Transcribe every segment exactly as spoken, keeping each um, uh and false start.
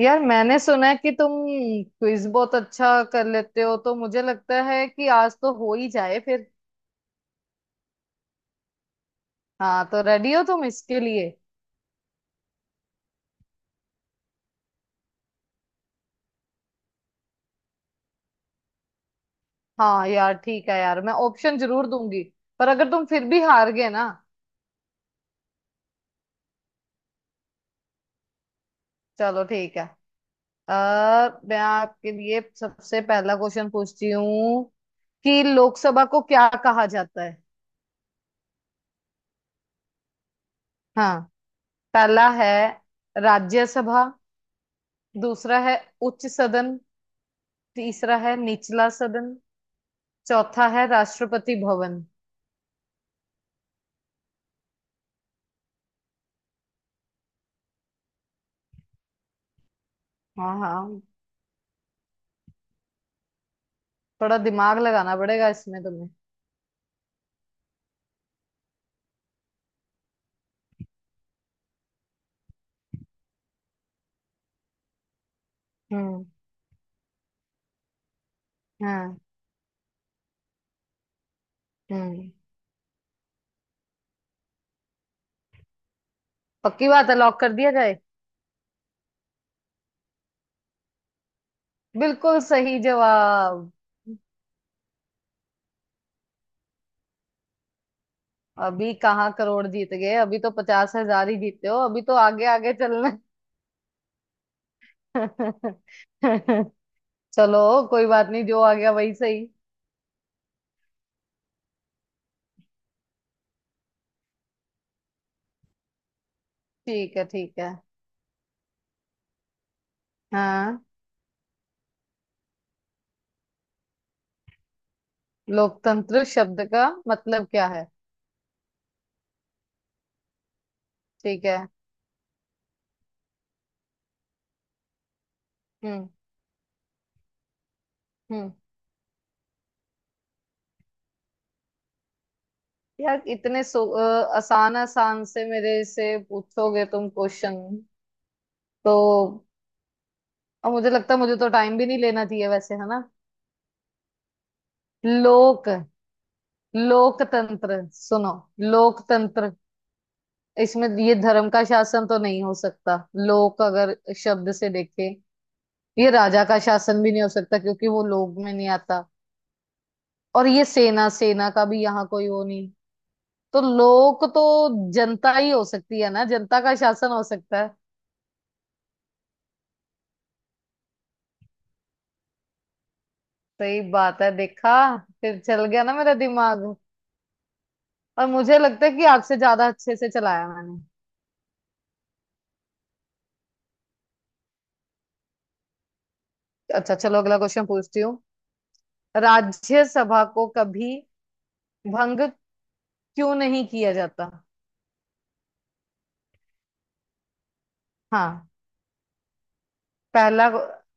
यार मैंने सुना है कि तुम क्विज बहुत अच्छा कर लेते हो। तो मुझे लगता है कि आज तो हो ही जाए फिर। हाँ, तो रेडी हो तुम इसके लिए? हाँ यार, ठीक है यार, मैं ऑप्शन जरूर दूंगी। पर अगर तुम फिर भी हार गए ना। चलो ठीक है। आ, मैं आपके लिए सबसे पहला क्वेश्चन पूछती हूँ कि लोकसभा को क्या कहा जाता है। हाँ। पहला है राज्यसभा। दूसरा है उच्च सदन। तीसरा है निचला सदन। चौथा है राष्ट्रपति भवन। हाँ हाँ। थोड़ा दिमाग लगाना पड़ेगा इसमें तुम्हें। हम्म। हाँ। हम्म। पक्की बात है, लॉक कर दिया जाए। बिल्कुल सही जवाब। अभी कहाँ करोड़ जीत गए, अभी तो पचास हजार ही जीते हो, अभी तो आगे आगे चलना है। चलो, कोई बात नहीं, जो आ गया वही सही। ठीक है ठीक है। हाँ, लोकतंत्र शब्द का मतलब क्या है। ठीक है। हम्म। हम्म। यार, इतने सो अ, आसान आसान से मेरे से पूछोगे तुम क्वेश्चन तो? और मुझे लगता है, मुझे तो टाइम भी नहीं लेना चाहिए वैसे, है ना। लोक, लोकतंत्र सुनो। लोकतंत्र। इसमें ये धर्म का शासन तो नहीं हो सकता। लोक अगर शब्द से देखें, ये राजा का शासन भी नहीं हो सकता क्योंकि वो लोक में नहीं आता। और ये सेना सेना का भी यहाँ कोई वो नहीं। तो लोक तो जनता ही हो सकती है ना, जनता का शासन हो सकता है। सही बात है, देखा, फिर चल गया ना मेरा दिमाग। और मुझे लगता है कि आपसे ज्यादा अच्छे से चलाया मैंने। अच्छा, चलो, अगला क्वेश्चन पूछती हूँ। राज्यसभा को कभी भंग क्यों नहीं किया जाता। हाँ। पहला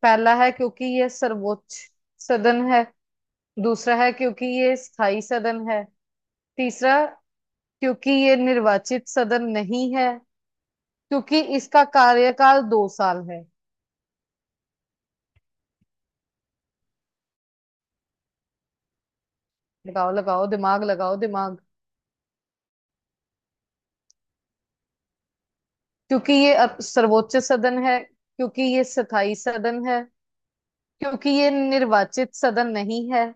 पहला है क्योंकि ये सर्वोच्च सदन है। दूसरा है क्योंकि ये स्थायी सदन है। तीसरा क्योंकि ये निर्वाचित सदन नहीं है। क्योंकि इसका कार्यकाल दो साल है। लगाओ लगाओ दिमाग, लगाओ दिमाग। क्योंकि ये अप- सर्वोच्च सदन है, क्योंकि ये स्थायी सदन है, क्योंकि ये निर्वाचित सदन नहीं है,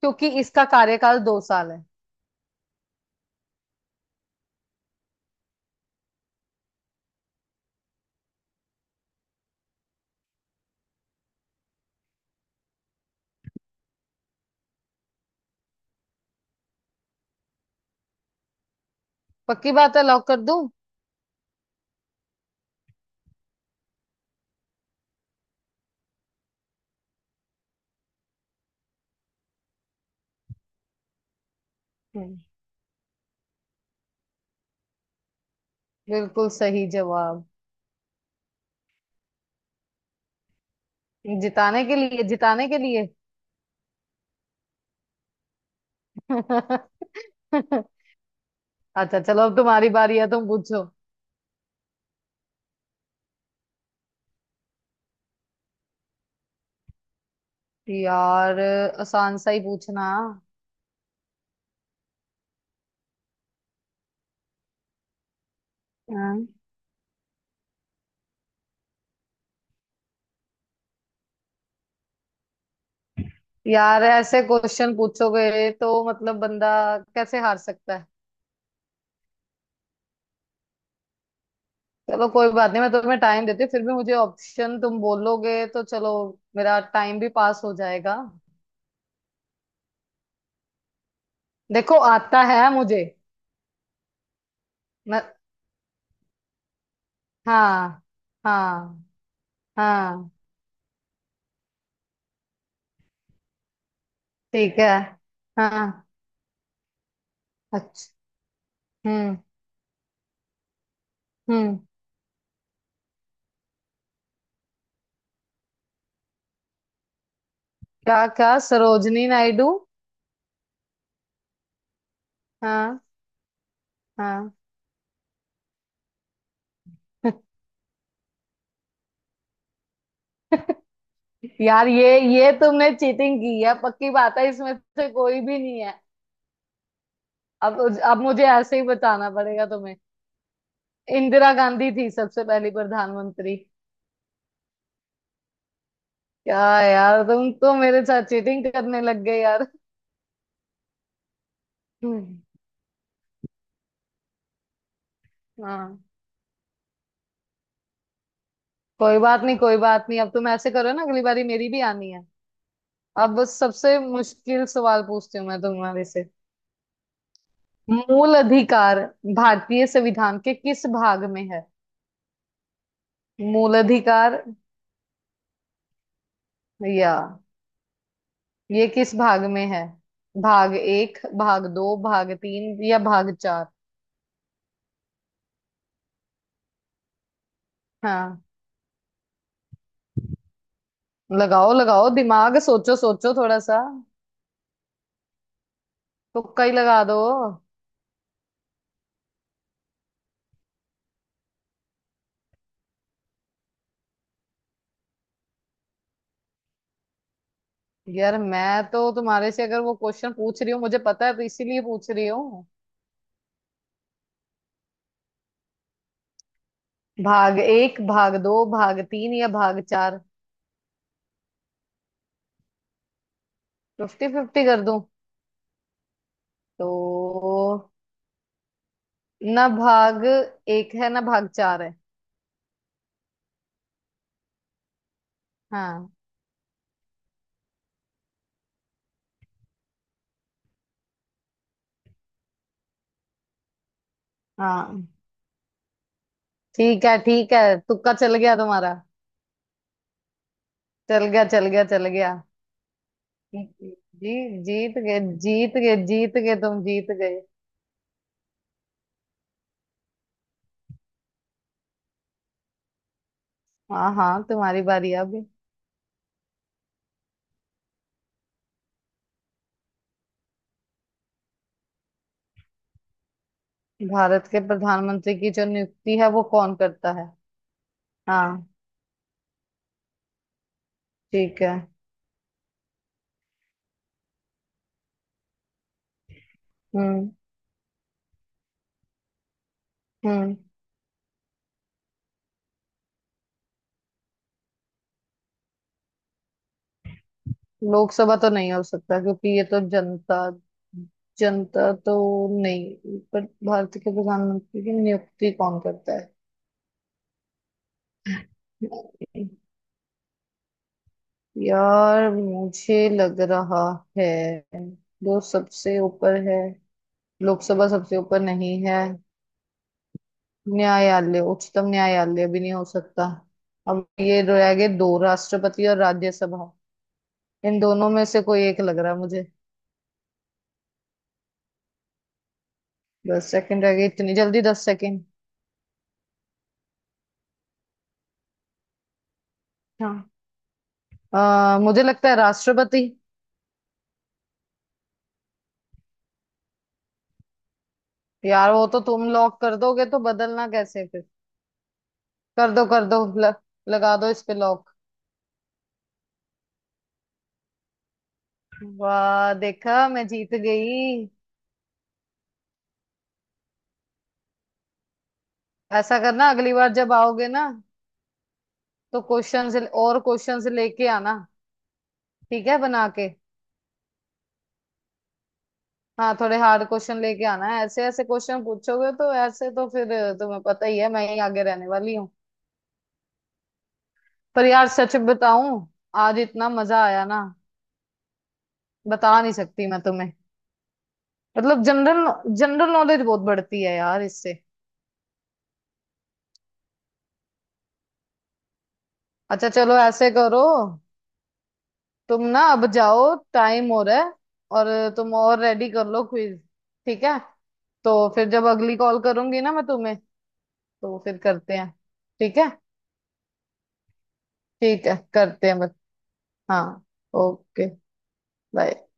क्योंकि इसका कार्यकाल दो साल है। पक्की बात है, लॉक कर दूं। हम्म, बिल्कुल सही जवाब। जिताने के लिए, जिताने के लिए। अच्छा, चलो, अब तुम्हारी बारी है, तुम पूछो। यार, आसान सा ही पूछना। हाँ यार, ऐसे क्वेश्चन पूछोगे तो मतलब बंदा कैसे हार सकता। चलो, कोई बात नहीं, मैं तुम्हें टाइम देती हूँ, फिर भी मुझे ऑप्शन तुम बोलोगे तो चलो, मेरा टाइम भी पास हो जाएगा। देखो, आता है मुझे। मैं। हाँ। हाँ। हाँ। ठीक है। हाँ। अच्छा। हम्म। हम्म। क्या क्या सरोजनी नायडू। हाँ। हाँ। यार, ये ये तुमने चीटिंग की है, पक्की बात है, इसमें से कोई भी नहीं है। अब अब मुझे ऐसे ही बताना पड़ेगा तुम्हें। इंदिरा गांधी थी सबसे पहली प्रधानमंत्री। क्या यार, तुम तो मेरे साथ चीटिंग करने लग गए यार। हम्म, हाँ। कोई बात नहीं, कोई बात नहीं, अब तुम ऐसे करो ना, अगली बारी मेरी भी आनी है। अब बस सबसे मुश्किल सवाल पूछती हूँ मैं तुम्हारे से। मूल अधिकार भारतीय संविधान के किस भाग में है। मूल अधिकार। या ये किस भाग में है? भाग एक, भाग दो, भाग तीन या भाग चार। हाँ। लगाओ लगाओ दिमाग, सोचो सोचो थोड़ा सा। तुक्का ही लगा दो। यार, मैं तो तुम्हारे से अगर वो क्वेश्चन पूछ रही हूँ, मुझे पता है तो इसीलिए पूछ रही हूँ। भाग एक, भाग दो, भाग तीन या भाग चार। फिफ्टी फिफ्टी कर दूं तो, ना भाग एक है ना भाग चार है। हाँ। हाँ। ठीक है ठीक है, तुक्का चल गया तुम्हारा। चल गया चल गया चल गया। जी, जीत गए जीत गए जीत गए, तुम जीत गए। हाँ हाँ, तुम्हारी बारी अब। भारत के प्रधानमंत्री की जो नियुक्ति है, वो कौन करता है। हाँ। ठीक है। हम्म। हम्म। लोकसभा तो नहीं हो सकता क्योंकि ये तो जनता, जनता तो नहीं, पर भारत के प्रधानमंत्री की नियुक्ति कौन करता है। यार मुझे लग रहा है, जो सबसे ऊपर है। लोकसभा सबसे ऊपर नहीं है। न्यायालय, उच्चतम न्यायालय भी नहीं हो सकता। अब ये रह गए दो, राष्ट्रपति और राज्यसभा। इन दोनों में से कोई एक लग रहा है मुझे। दस सेकंड रह गए, इतनी जल्दी दस सेकंड? हाँ। अ, मुझे लगता है राष्ट्रपति। यार, वो तो तुम लॉक कर दोगे तो बदलना कैसे फिर। कर दो कर दो, ल, लगा दो इस पे लॉक। वाह देखा, मैं जीत गई। ऐसा करना, अगली बार जब आओगे ना, तो क्वेश्चंस, और क्वेश्चंस लेके आना। ठीक है, बना के। हाँ, थोड़े हार्ड क्वेश्चन लेके आना है। ऐसे ऐसे क्वेश्चन पूछोगे तो ऐसे तो फिर तुम्हें पता ही है, मैं ही आगे रहने वाली हूँ। पर यार सच बताऊं, आज इतना मजा आया ना, बता नहीं सकती मैं तुम्हें। मतलब जनरल जनरल नॉलेज बहुत बढ़ती है यार इससे। अच्छा चलो, ऐसे करो, तुम ना अब जाओ, टाइम हो रहा है, और तुम और रेडी कर लो क्विज। ठीक है? तो फिर जब अगली कॉल करूंगी ना मैं तुम्हें, तो फिर करते हैं। ठीक है। ठीक है, करते हैं बस। हाँ। ओके। बाय।